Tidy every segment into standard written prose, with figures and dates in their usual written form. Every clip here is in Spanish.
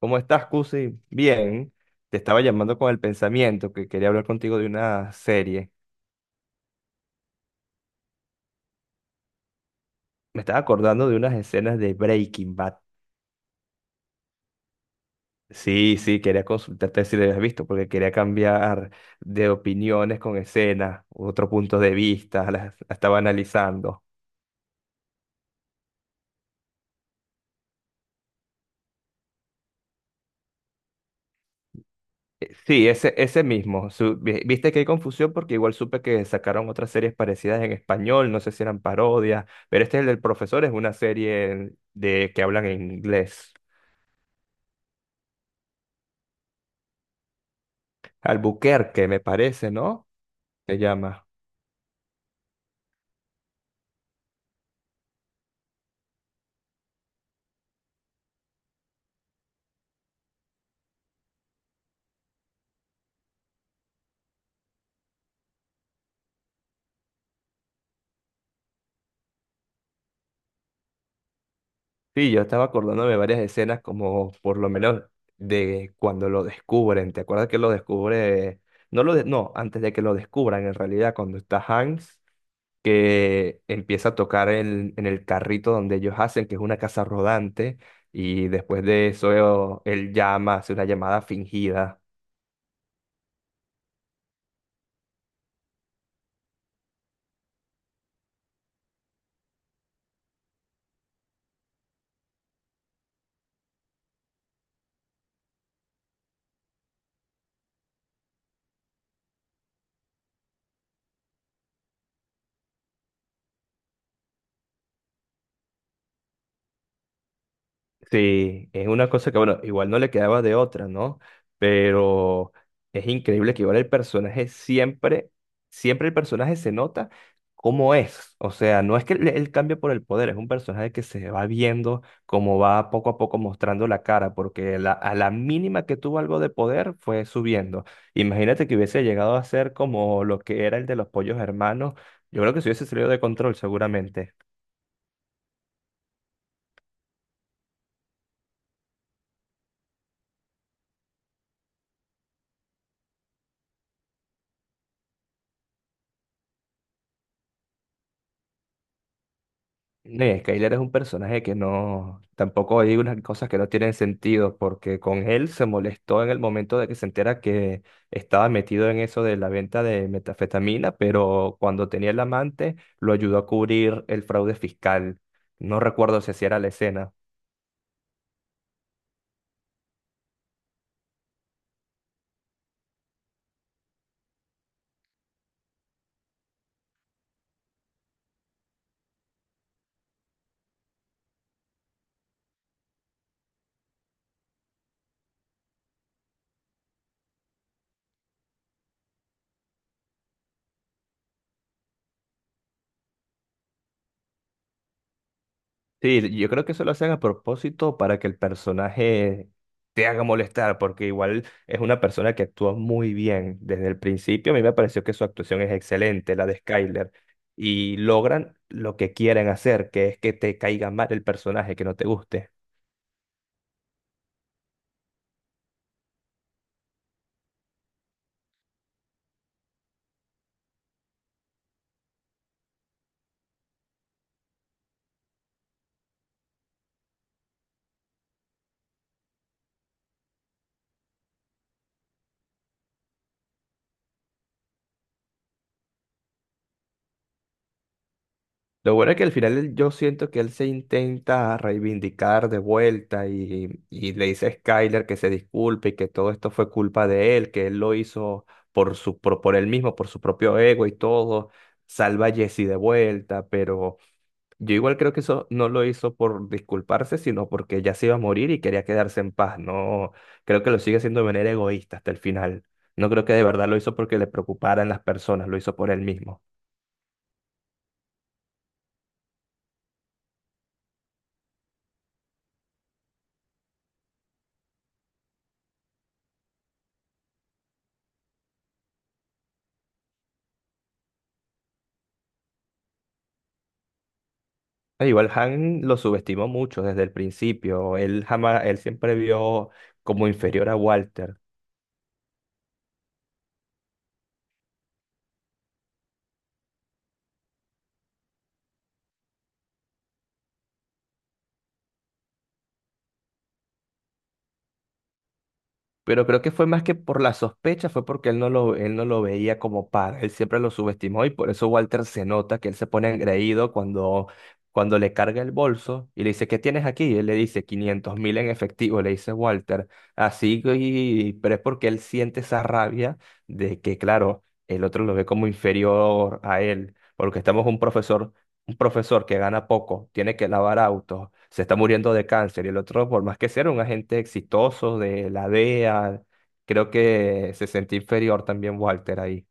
¿Cómo estás, Cusi? Bien, te estaba llamando con el pensamiento que quería hablar contigo de una serie. Me estaba acordando de unas escenas de Breaking Bad. Sí, sí, quería consultarte si la habías visto, porque quería cambiar de opiniones con escenas, otro punto de vista, la estaba analizando. Sí, ese mismo. Viste que hay confusión porque igual supe que sacaron otras series parecidas en español, no sé si eran parodias, pero este es el del profesor, es una serie de que hablan en inglés. Albuquerque, me parece, ¿no? Se llama. Sí, yo estaba acordándome de varias escenas, como por lo menos de cuando lo descubren. ¿Te acuerdas que lo descubre? No, no, antes de que lo descubran, en realidad, cuando está Hans, que empieza a tocar en el carrito donde ellos hacen, que es una casa rodante, y después de eso, él llama, hace una llamada fingida. Sí, es una cosa que, bueno, igual no le quedaba de otra, ¿no? Pero es increíble que igual el personaje siempre, siempre el personaje se nota cómo es. O sea, no es que le- él cambie por el poder, es un personaje que se va viendo como va poco a poco mostrando la cara, porque a la mínima que tuvo algo de poder fue subiendo. Imagínate que hubiese llegado a ser como lo que era el de los pollos hermanos. Yo creo que se hubiese salido de control seguramente. No, y Skyler es un personaje que no, tampoco hay unas cosas que no tienen sentido, porque con él se molestó en el momento de que se entera que estaba metido en eso de la venta de metafetamina, pero cuando tenía el amante lo ayudó a cubrir el fraude fiscal. No recuerdo si así era la escena. Sí, yo creo que eso lo hacen a propósito para que el personaje te haga molestar, porque igual es una persona que actúa muy bien desde el principio. A mí me pareció que su actuación es excelente, la de Skyler, y logran lo que quieren hacer, que es que te caiga mal el personaje, que no te guste. Lo bueno es que al final yo siento que él se intenta reivindicar de vuelta y le dice a Skyler que se disculpe y que todo esto fue culpa de él, que él lo hizo por su, él mismo, por su propio ego y todo. Salva a Jesse de vuelta, pero yo igual creo que eso no lo hizo por disculparse, sino porque ya se iba a morir y quería quedarse en paz. No, creo que lo sigue haciendo de manera egoísta hasta el final. No creo que de verdad lo hizo porque le preocuparan las personas, lo hizo por él mismo. Igual Han lo subestimó mucho desde el principio. Él jamás, él siempre vio como inferior a Walter. Pero creo que fue más que por la sospecha, fue porque él no lo veía como par. Él siempre lo subestimó y por eso Walter se nota que él se pone engreído cuando, cuando le carga el bolso y le dice, ¿qué tienes aquí? Y él le dice 500 mil en efectivo, le dice Walter. Así, y, pero es porque él siente esa rabia de que, claro, el otro lo ve como inferior a él. Porque estamos un profesor que gana poco, tiene que lavar autos, se está muriendo de cáncer y el otro, por más que sea, un agente exitoso de la DEA, creo que se sentía inferior también Walter ahí.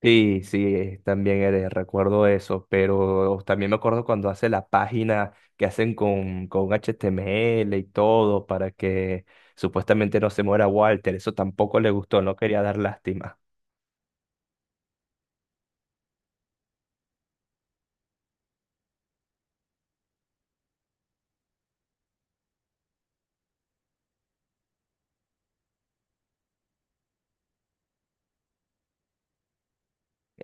Sí, sí, también eres, recuerdo eso, pero también me acuerdo cuando hace la página que hacen con, HTML y todo para que supuestamente no se muera Walter, eso tampoco le gustó, no quería dar lástima.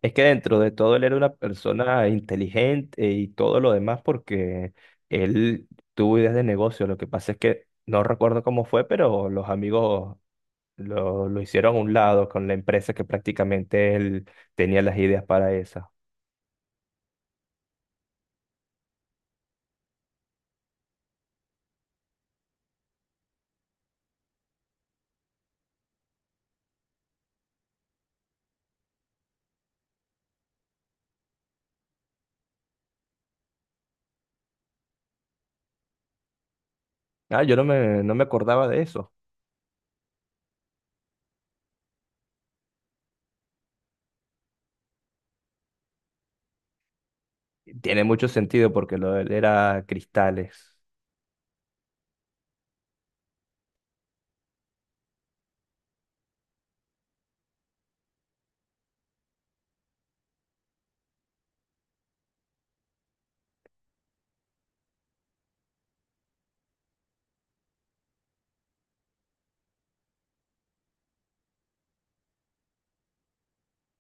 Es que dentro de todo él era una persona inteligente y todo lo demás porque él tuvo ideas de negocio. Lo que pasa es que no recuerdo cómo fue, pero los amigos lo hicieron a un lado con la empresa que prácticamente él tenía las ideas para esa. Ah, yo no me acordaba de eso. Tiene mucho sentido porque lo de él era cristales.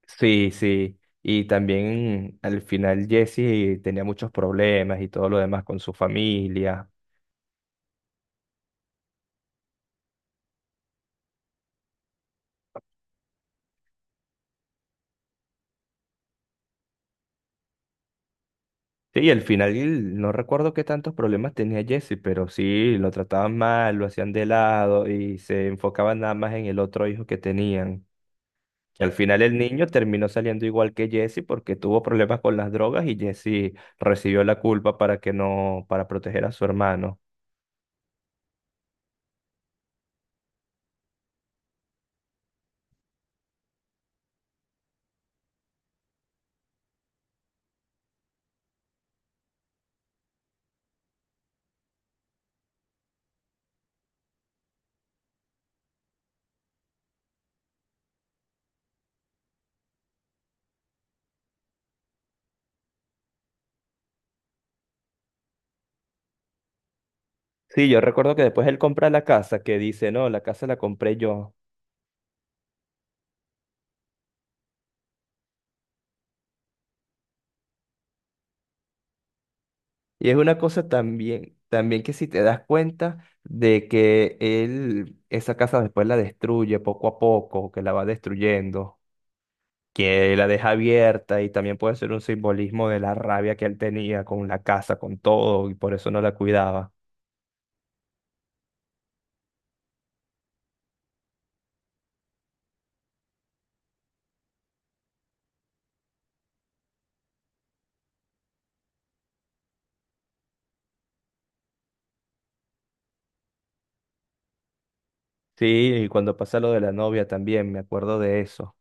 Sí, sí. Y también al final Jesse tenía muchos problemas y todo lo demás con su familia. Sí, y al final no recuerdo qué tantos problemas tenía Jesse, pero sí, lo trataban mal, lo hacían de lado y se enfocaban nada más en el otro hijo que tenían. Y al final el niño terminó saliendo igual que Jesse porque tuvo problemas con las drogas y Jesse recibió la culpa para que no, para proteger a su hermano. Sí, yo recuerdo que después él compra la casa, que dice, no, la casa la compré yo. Y es una cosa también, también que si te das cuenta de que él, esa casa después la destruye poco a poco, que la va destruyendo, que la deja abierta y también puede ser un simbolismo de la rabia que él tenía con la casa, con todo, y por eso no la cuidaba. Sí, y cuando pasa lo de la novia también, me acuerdo de eso.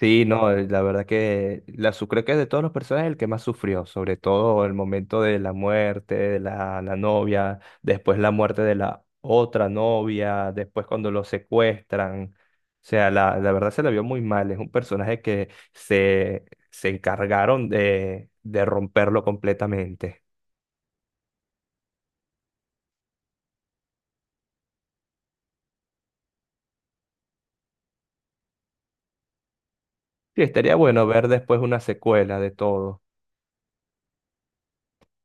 Sí, no, la verdad que creo que de todos los personajes el que más sufrió, sobre todo el momento de la muerte de la novia, después la muerte de la otra novia, después cuando lo secuestran. O sea, la verdad se la vio muy mal. Es un personaje que se encargaron de romperlo completamente. Sí, estaría bueno ver después una secuela de todo.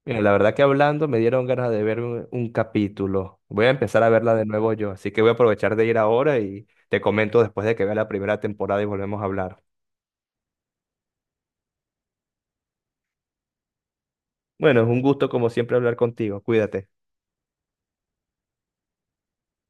Mira, la verdad que hablando me dieron ganas de ver un capítulo. Voy a empezar a verla de nuevo yo, así que voy a aprovechar de ir ahora y te comento después de que vea la primera temporada y volvemos a hablar. Bueno, es un gusto como siempre hablar contigo. Cuídate.